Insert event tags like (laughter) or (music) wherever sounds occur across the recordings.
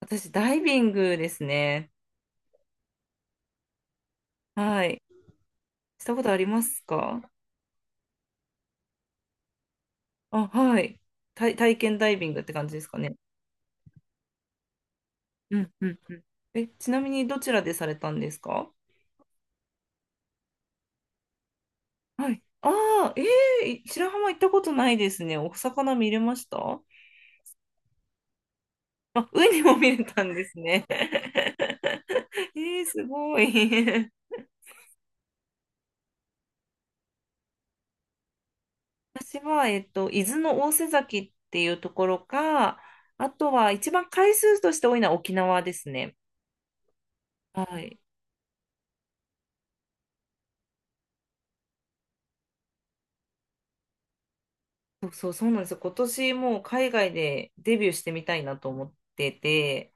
私、ダイビングですね。はい。したことありますか？あ、はい。体験ダイビングって感じですかね。うんうん。え、ちなみにどちらでされたんですか？はい。ああ、ええ白浜行ったことないですね。お魚見れました？あ、ウニも見れたんですね。(laughs) えー、すごい。(laughs) 私は、伊豆の大瀬崎っていうところか、あとは一番回数として多いのは沖縄ですね。はい。そうそう、そうなんですよ。今年もう海外でデビューしてみたいなと思ってて、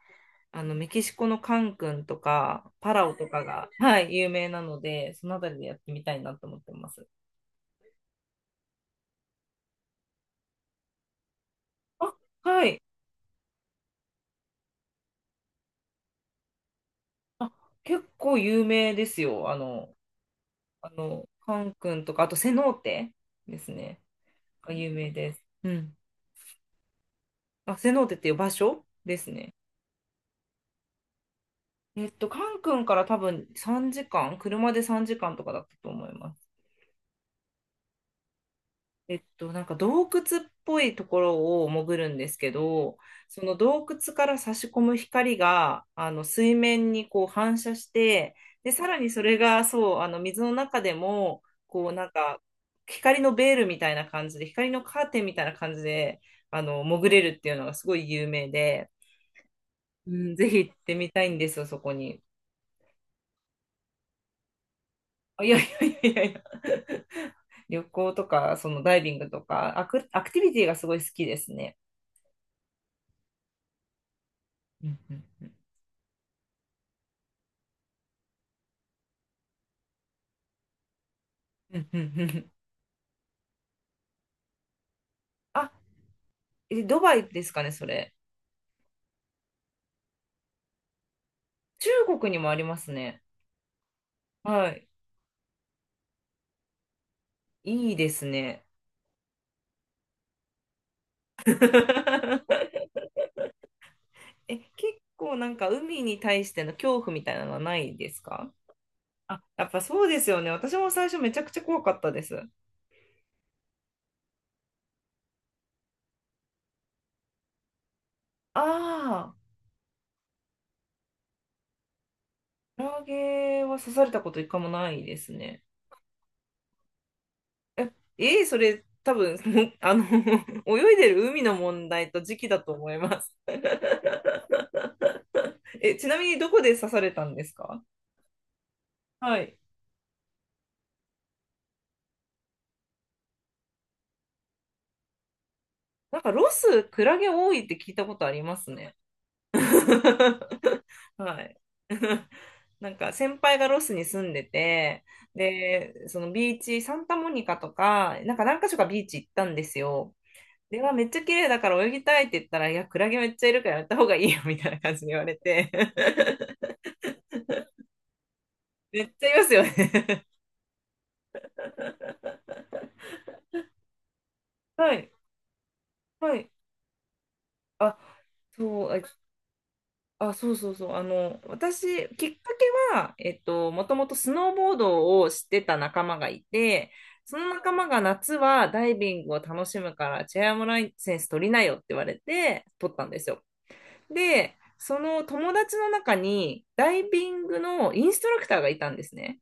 メキシコのカンクンとかパラオとかが、はい、有名なので、そのあたりでやってみたいなと思ってます。あ、はい。あ、結構有名ですよ。カンクンとか、あとセノーテですね。が有名です。うん。あ、セノーテっていう場所ですね。カンクンから多分3時間、車で3時間とかだったと思います。なんか洞窟っぽいところを潜るんですけど、その洞窟から差し込む光が、水面にこう反射して、で、さらにそれが、そう、水の中でも、こう、なんか、光のベールみたいな感じで、光のカーテンみたいな感じで、潜れるっていうのがすごい有名で、うん、ぜひ行ってみたいんですよ、そこに。あ、いやいやいやいやいや、旅行とか、そのダイビングとか、アクティビティがすごい好きですね。うんうんうんうんうんうん。あ、ドバイですかね、それ。中国にもありますね。はい。いいですね。(laughs) え、結構なんか海に対しての恐怖みたいなのはないですか？あ、やっぱそうですよね。私も最初めちゃくちゃ怖かったです。ああ、クラゲは刺されたこと一回もないですね。えー、それ多分、(laughs) もう(laughs) 泳いでる海の問題と時期だと思います。(laughs) え、ちなみにどこで刺されたんですか？はい。なんかロス、クラゲ多いって聞いたことありますね。(laughs) はい。(laughs) なんか先輩がロスに住んでて、で、そのビーチ、サンタモニカとか、なんか何か所かビーチ行ったんですよ。で、わめっちゃ綺麗だから泳ぎたいって言ったら、いや、クラゲめっちゃいるからやった方がいいよみたいな感じで言われて。(laughs) めっちゃいますよね。(laughs) はい。はい。あ、そう、あ、そうそうそう。私、きっかけは、もともとスノーボードをしてた仲間がいて、その仲間が夏はダイビングを楽しむから、チェアーモライセンス取りなよって言われて、取ったんですよ。で、その友達の中に、ダイビングのインストラクターがいたんですね。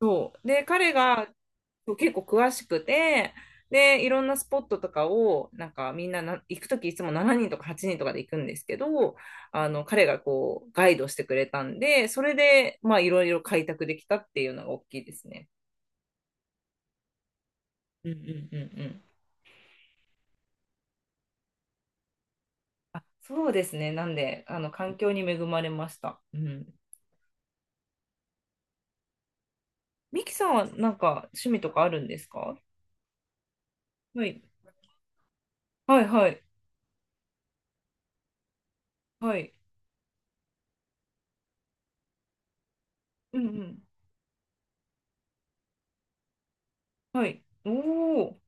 そう。で、彼がそう結構詳しくて、で、いろんなスポットとかを、なんかみんなな行くときいつも7人とか8人とかで行くんですけど、彼がこう、ガイドしてくれたんで、それで、まあ、いろいろ開拓できたっていうのが大きいですね。うんうんうんうん。あ、そうですね。なんで、環境に恵まれました。うん。ミキさんはなんか趣味とかあるんですか？はい。はいはい。はい。うんうん。はい。おお。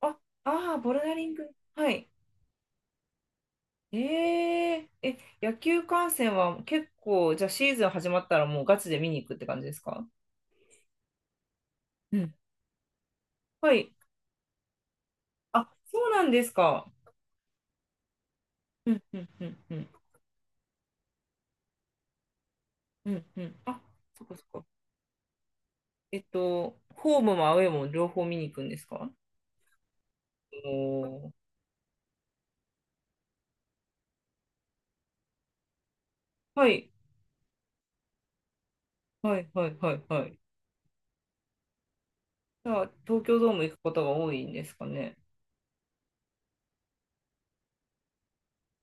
あ、ああ、ボルダリング。はい。えええ、野球観戦は結構、じゃあシーズン始まったらもうガチで見に行くって感じですか？うん。はい。あ、そうなんですか。うん、うん、うん、うん、うん、うん。あ、そっかそっか。ホームもアウェーも両方見に行くんですか？おー、はい、はい、はい、はい、はい。じゃあ、東京ドーム行くことが多いんですかね。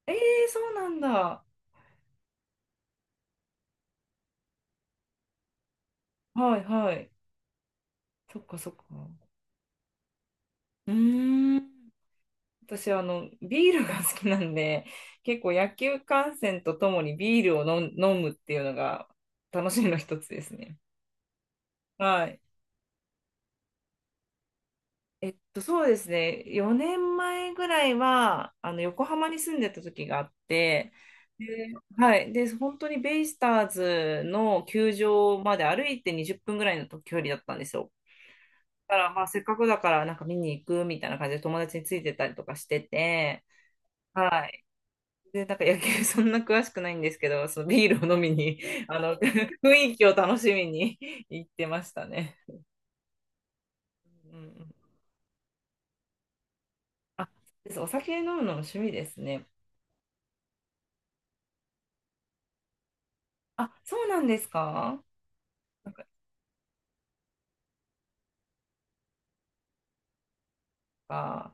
ええ、そうなんだ。はい、はい。そっかそっか。うーん。私はビールが好きなんで、結構野球観戦とともにビールを飲む飲むっていうのが楽しみの一つですね。はい。そうですね、4年前ぐらいは横浜に住んでた時があって、で、はい、で本当にベイスターズの球場まで歩いて20分ぐらいの距離だったんですよ。だからまあせっかくだからなんか見に行くみたいな感じで友達についてたりとかしてて。はい。で、なんか野球 (laughs) そんな詳しくないんですけど、そのビールを飲みに、(laughs) (laughs) 雰囲気を楽しみに (laughs) 行ってましたね。うんうん、あ、そうです。お酒飲むのも趣味ですね。あ、そうなんですか？なんか、あ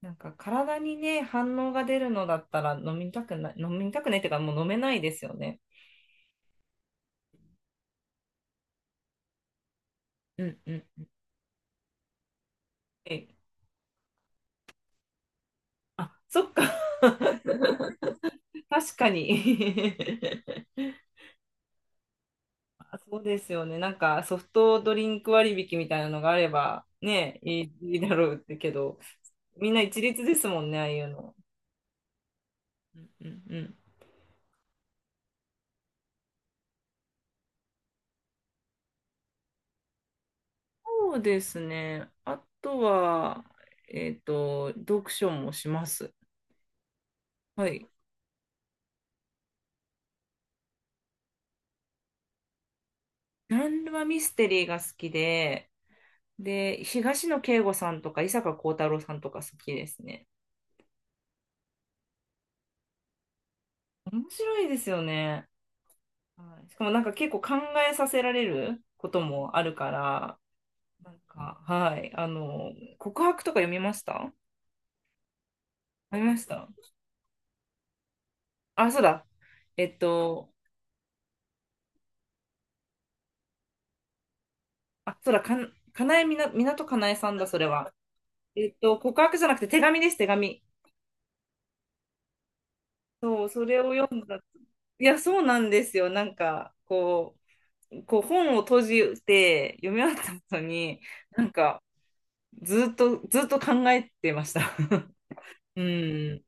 なんか体にね、反応が出るのだったら飲みたくない、飲みたくないっていうかもう飲めないですよね。うんうん。え、あ、そっか。(laughs) 確かに。(laughs) あ、そうですよね。なんかソフトドリンク割引みたいなのがあればね、いいだろうってけど、みんな一律ですもんね、ああいうの。うんうんうん、そうですね。あとは、読書もします。はい。ジャンルはミステリーが好きで、で、東野圭吾さんとか伊坂幸太郎さんとか好きですね。面白いですよね。はい、しかもなんか結構考えさせられることもあるから、なんか、はい。告白とか読みました？読みました？あ、そうだ。えっと、あ、そうだ、かなえみな、港かなえさんだ、それは。告白じゃなくて手紙です、手紙。そう、それを読んだ。いや、そうなんですよ。なんか、こう本を閉じて読み終わった後に、なんか、ずっと、ずっと考えてました。(laughs) うん。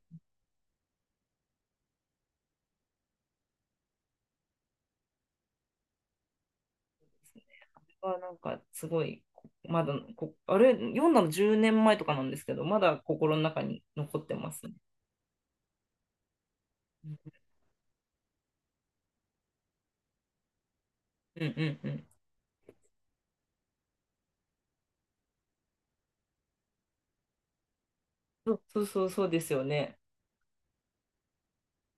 はなんかすごい、まだこ、あれ、読んだの10年前とかなんですけど、まだ心の中に残ってますね。うんうんうん。そうそうそうそうですよね。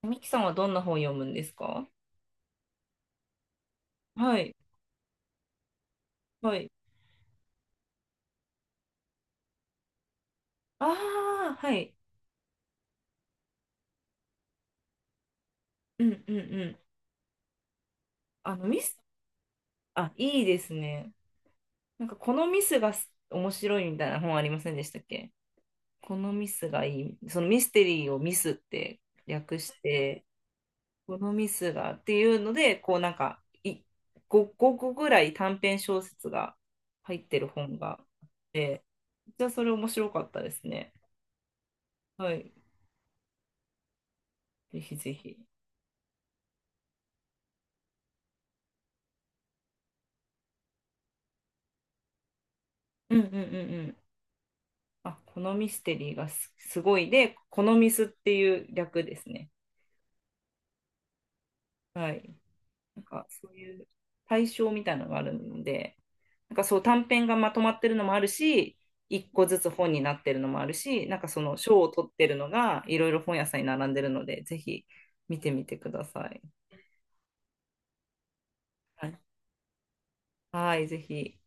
ミキさんはどんな本読むんですか？はい、はい。ああ、はい。うんうんうん。ミス、あ、いいですね。なんか、このミスがす面白いみたいな本ありませんでしたっけ？このミスがいい。そのミステリーをミスって略して、このミスがっていうので、こうなんかい5、個ぐらい短編小説が入ってる本が。じゃあそれ面白かったですね。はい。ぜひぜひ。うんうんうんうん。あ、このミステリーがすごいで、このミスっていう略ですね。はい。なんかそういう対象みたいなのがあるので、なんかそう短編がまとまってるのもあるし、一個ずつ本になってるのもあるし、なんかその賞を取ってるのがいろいろ本屋さんに並んでるので、ぜひ見てみてください。はい、はいぜひ。